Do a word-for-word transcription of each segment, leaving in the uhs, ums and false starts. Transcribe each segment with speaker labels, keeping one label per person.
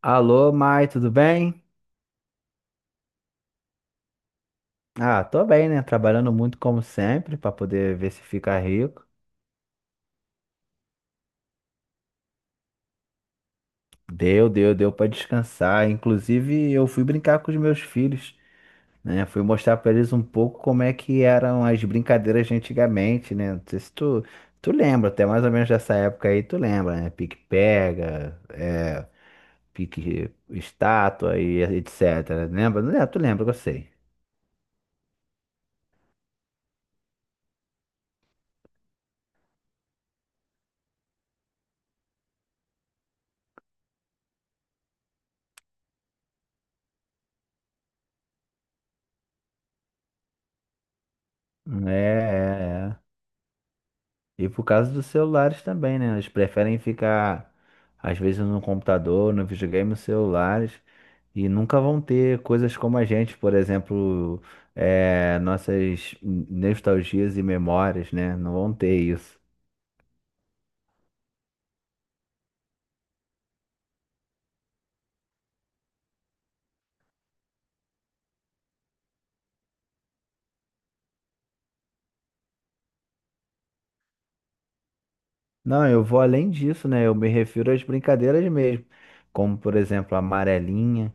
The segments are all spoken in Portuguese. Speaker 1: Alô, Mai, tudo bem? Ah, tô bem, né? Trabalhando muito como sempre pra poder ver se fica rico. Deu, deu, deu pra descansar. Inclusive, eu fui brincar com os meus filhos, né? Fui mostrar pra eles um pouco como é que eram as brincadeiras de antigamente, né? Não sei se tu, tu lembra, até mais ou menos dessa época aí, tu lembra, né? Pique-pega, é, pique estátua e etcétera. Lembra? Não, tu lembra, que eu sei. É, é. é. E por causa dos celulares também, né? Eles preferem ficar, às vezes, no computador, no videogame, nos celulares, e nunca vão ter coisas como a gente, por exemplo, é, nossas nostalgias e memórias, né? Não vão ter isso. Não, eu vou além disso, né? Eu me refiro às brincadeiras mesmo, como, por exemplo, a amarelinha.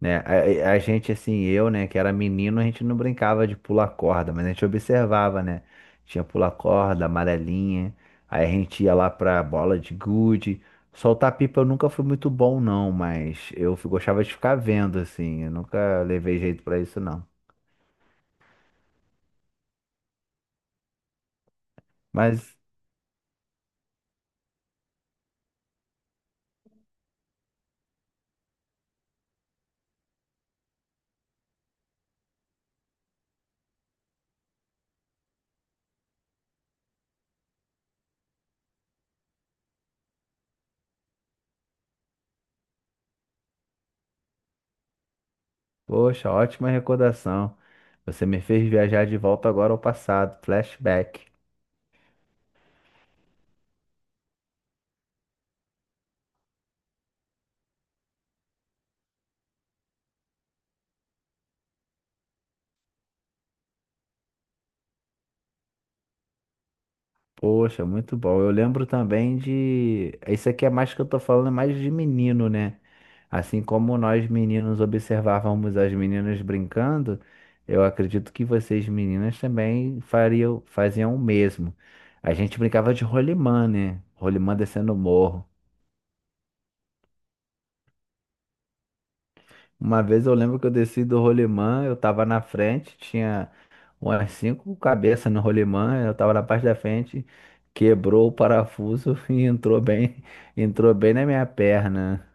Speaker 1: Né? A, a gente, assim, eu, né, que era menino, a gente não brincava de pular corda, mas a gente observava, né? Tinha pular corda, amarelinha, aí a gente ia lá pra bola de gude. Soltar pipa eu nunca fui muito bom, não, mas eu fi- gostava de ficar vendo, assim, eu nunca levei jeito pra isso, não. Mas, poxa, ótima recordação. Você me fez viajar de volta agora ao passado, flashback. Poxa, muito bom. Eu lembro também de. Isso aqui é mais que eu tô falando, é mais de menino, né? Assim como nós meninos observávamos as meninas brincando, eu acredito que vocês meninas também fariam, faziam o mesmo. A gente brincava de rolimã, né? Rolimã descendo o morro. Uma vez eu lembro que eu desci do rolimã, eu tava na frente, tinha umas cinco cabeças no rolimã, eu tava na parte da frente, quebrou o parafuso e entrou bem, entrou bem na minha perna.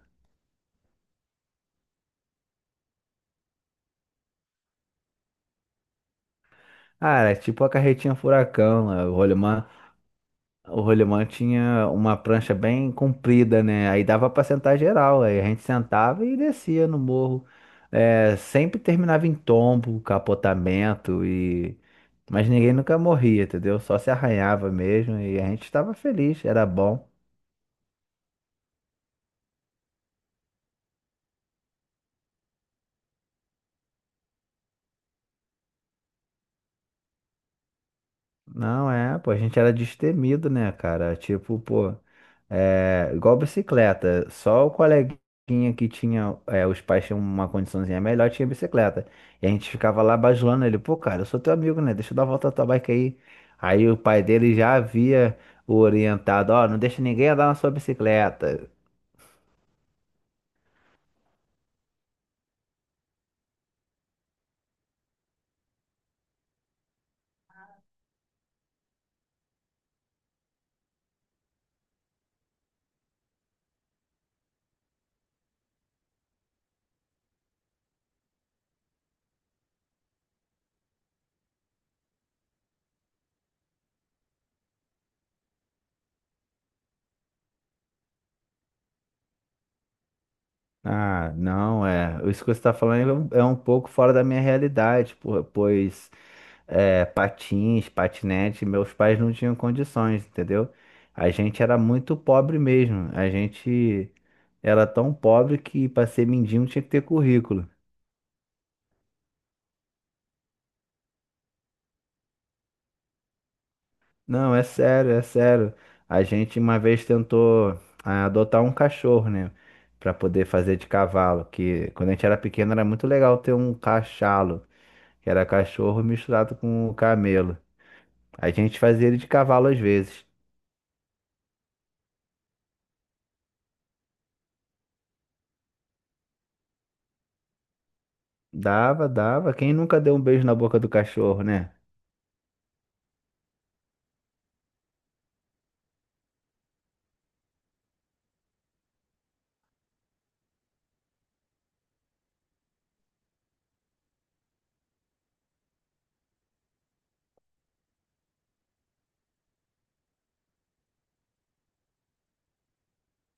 Speaker 1: Ah, era tipo a carretinha furacão, né? o rolimã O rolimã tinha uma prancha bem comprida, né? Aí dava pra sentar geral. Aí a gente sentava e descia no morro. É, sempre terminava em tombo, capotamento e. Mas ninguém nunca morria, entendeu? Só se arranhava mesmo e a gente estava feliz, era bom. Não é, pô, a gente era destemido, né, cara? Tipo, pô. É, igual bicicleta, só o coleguinha que tinha, é, os pais tinham uma condiçãozinha melhor, tinha bicicleta. E a gente ficava lá bajulando ele, pô, cara, eu sou teu amigo, né? Deixa eu dar uma volta na tua bike aí. Aí o pai dele já havia o orientado, ó, não deixa ninguém andar na sua bicicleta. Ah, não, é. Isso que você está falando é um é um pouco fora da minha realidade, po- pois é, patins, patinete, meus pais não tinham condições, entendeu? A gente era muito pobre mesmo. A gente era tão pobre que para ser mendigo tinha que ter currículo. Não, é sério, é sério. A gente uma vez tentou ah, adotar um cachorro, né? Para poder fazer de cavalo, que quando a gente era pequeno era muito legal ter um cachalo. Que era cachorro misturado com camelo. A gente fazia ele de cavalo às vezes. Dava, dava. Quem nunca deu um beijo na boca do cachorro, né?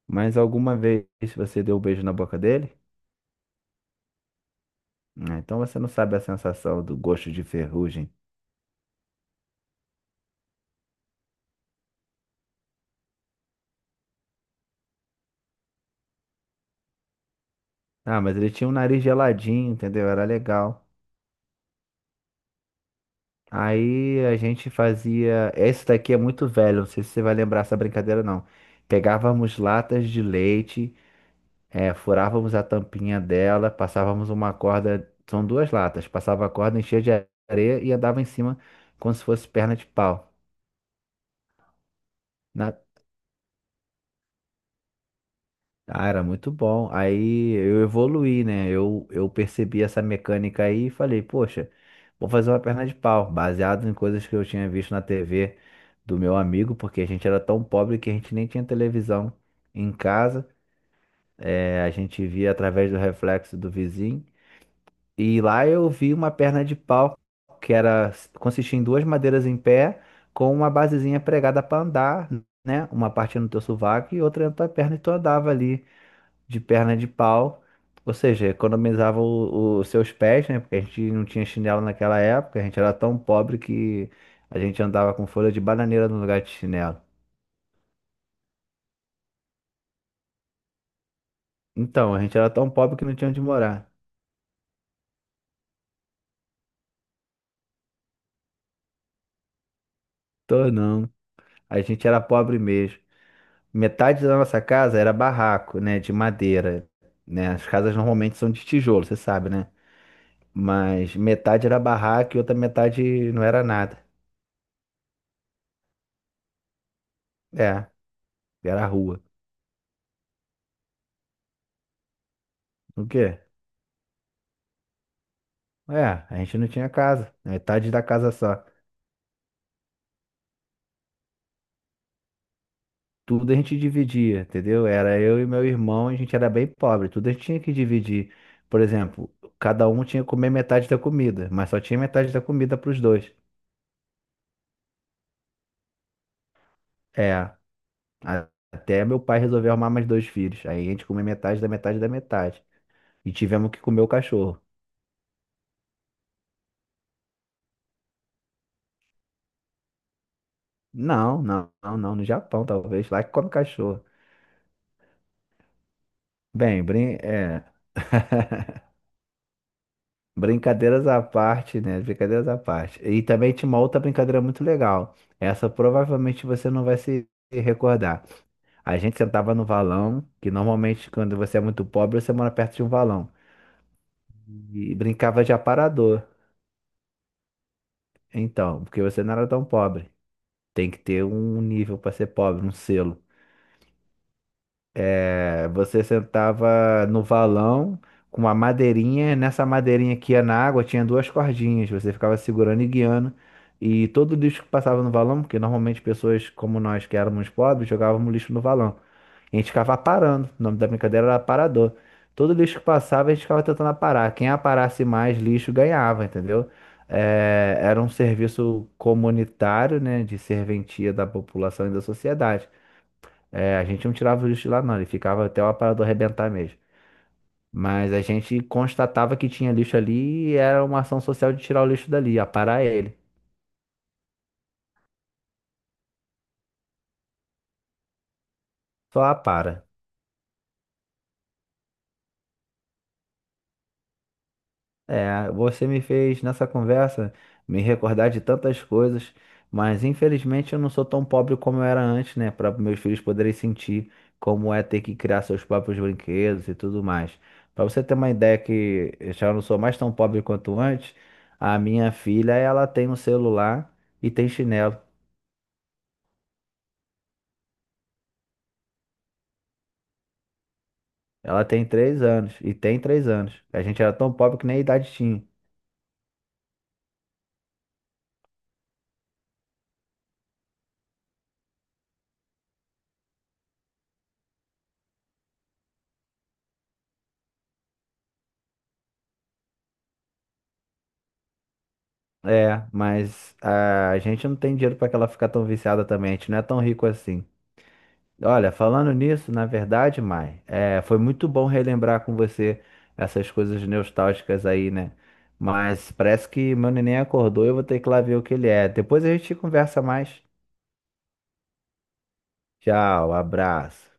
Speaker 1: Mas alguma vez você deu um beijo na boca dele? Ah, então você não sabe a sensação do gosto de ferrugem. Ah, mas ele tinha um nariz geladinho, entendeu? Era legal. Aí a gente fazia. Esse daqui é muito velho, não sei se você vai lembrar essa brincadeira, não. Pegávamos latas de leite. É, furávamos a tampinha dela, passávamos uma corda, são duas latas, passava a corda, enchia de areia e andava em cima como se fosse perna de pau. Na- Ah, era muito bom. Aí eu evoluí, né? Eu, eu percebi essa mecânica aí e falei, poxa, vou fazer uma perna de pau, baseado em coisas que eu tinha visto na tê vê do meu amigo, porque a gente era tão pobre que a gente nem tinha televisão em casa. É, a gente via através do reflexo do vizinho. E lá eu vi uma perna de pau que era consistia em duas madeiras em pé com uma basezinha pregada para andar, né? Uma parte no teu sovaco e outra na tua perna e tu andava ali de perna de pau. Ou seja, economizava o- o- os seus pés, né? Porque a gente não tinha chinelo naquela época, a gente era tão pobre que a gente andava com folha de bananeira no lugar de chinelo. Então, a gente era tão pobre que não tinha onde morar. Tô não. A gente era pobre mesmo. Metade da nossa casa era barraco, né, de madeira, né? As casas normalmente são de tijolo, você sabe, né? Mas metade era barraco e outra metade não era nada. É, era rua. O quê? É, a gente não tinha casa, metade da casa só. Tudo a gente dividia, entendeu? Era eu e meu irmão, a gente era bem pobre, tudo a gente tinha que dividir. Por exemplo, cada um tinha que comer metade da comida, mas só tinha metade da comida para os dois. É. A- Até meu pai resolver arrumar mais dois filhos. Aí a gente comeu metade da metade da metade. E tivemos que comer o cachorro. Não, não, não, não. No Japão, talvez. Lá que come cachorro. Bem, brin... é. Brincadeiras à parte, né? Brincadeiras à parte. E também tinha uma outra brincadeira muito legal. Essa provavelmente você não vai se recordar. A gente sentava no valão, que normalmente quando você é muito pobre, você mora perto de um valão. E brincava de aparador. Então, porque você não era tão pobre. Tem que ter um nível para ser pobre, um selo. É, você sentava no valão com uma madeirinha, nessa madeirinha que ia na água tinha duas cordinhas, você ficava segurando e guiando. E todo lixo que passava no valão, porque normalmente pessoas como nós que éramos pobres jogávamos lixo no valão. A gente ficava aparando. O nome da brincadeira era aparador. Todo lixo que passava, a gente ficava tentando aparar. Quem aparasse mais lixo ganhava, entendeu? É, era um serviço comunitário, né? De serventia da população e da sociedade. É, a gente não tirava o lixo de lá, não. Ele ficava até o aparador arrebentar mesmo. Mas a gente constatava que tinha lixo ali e era uma ação social de tirar o lixo dali, aparar ele. Só apara. É, você me fez nessa conversa me recordar de tantas coisas, mas infelizmente eu não sou tão pobre como eu era antes, né? Para meus filhos poderem sentir como é ter que criar seus próprios brinquedos e tudo mais. Para você ter uma ideia que eu já não sou mais tão pobre quanto antes, a minha filha, ela tem um celular e tem chinelo. Ela tem três anos e tem três anos. A gente era tão pobre que nem idade tinha. É, mas a gente não tem dinheiro para que ela ficar tão viciada também. A gente não é tão rico assim. Olha, falando nisso, na verdade, Mai, é, foi muito bom relembrar com você essas coisas nostálgicas aí, né? Mas parece que meu neném acordou, e eu vou ter que ir lá ver o que ele é. Depois a gente conversa mais. Tchau, abraço.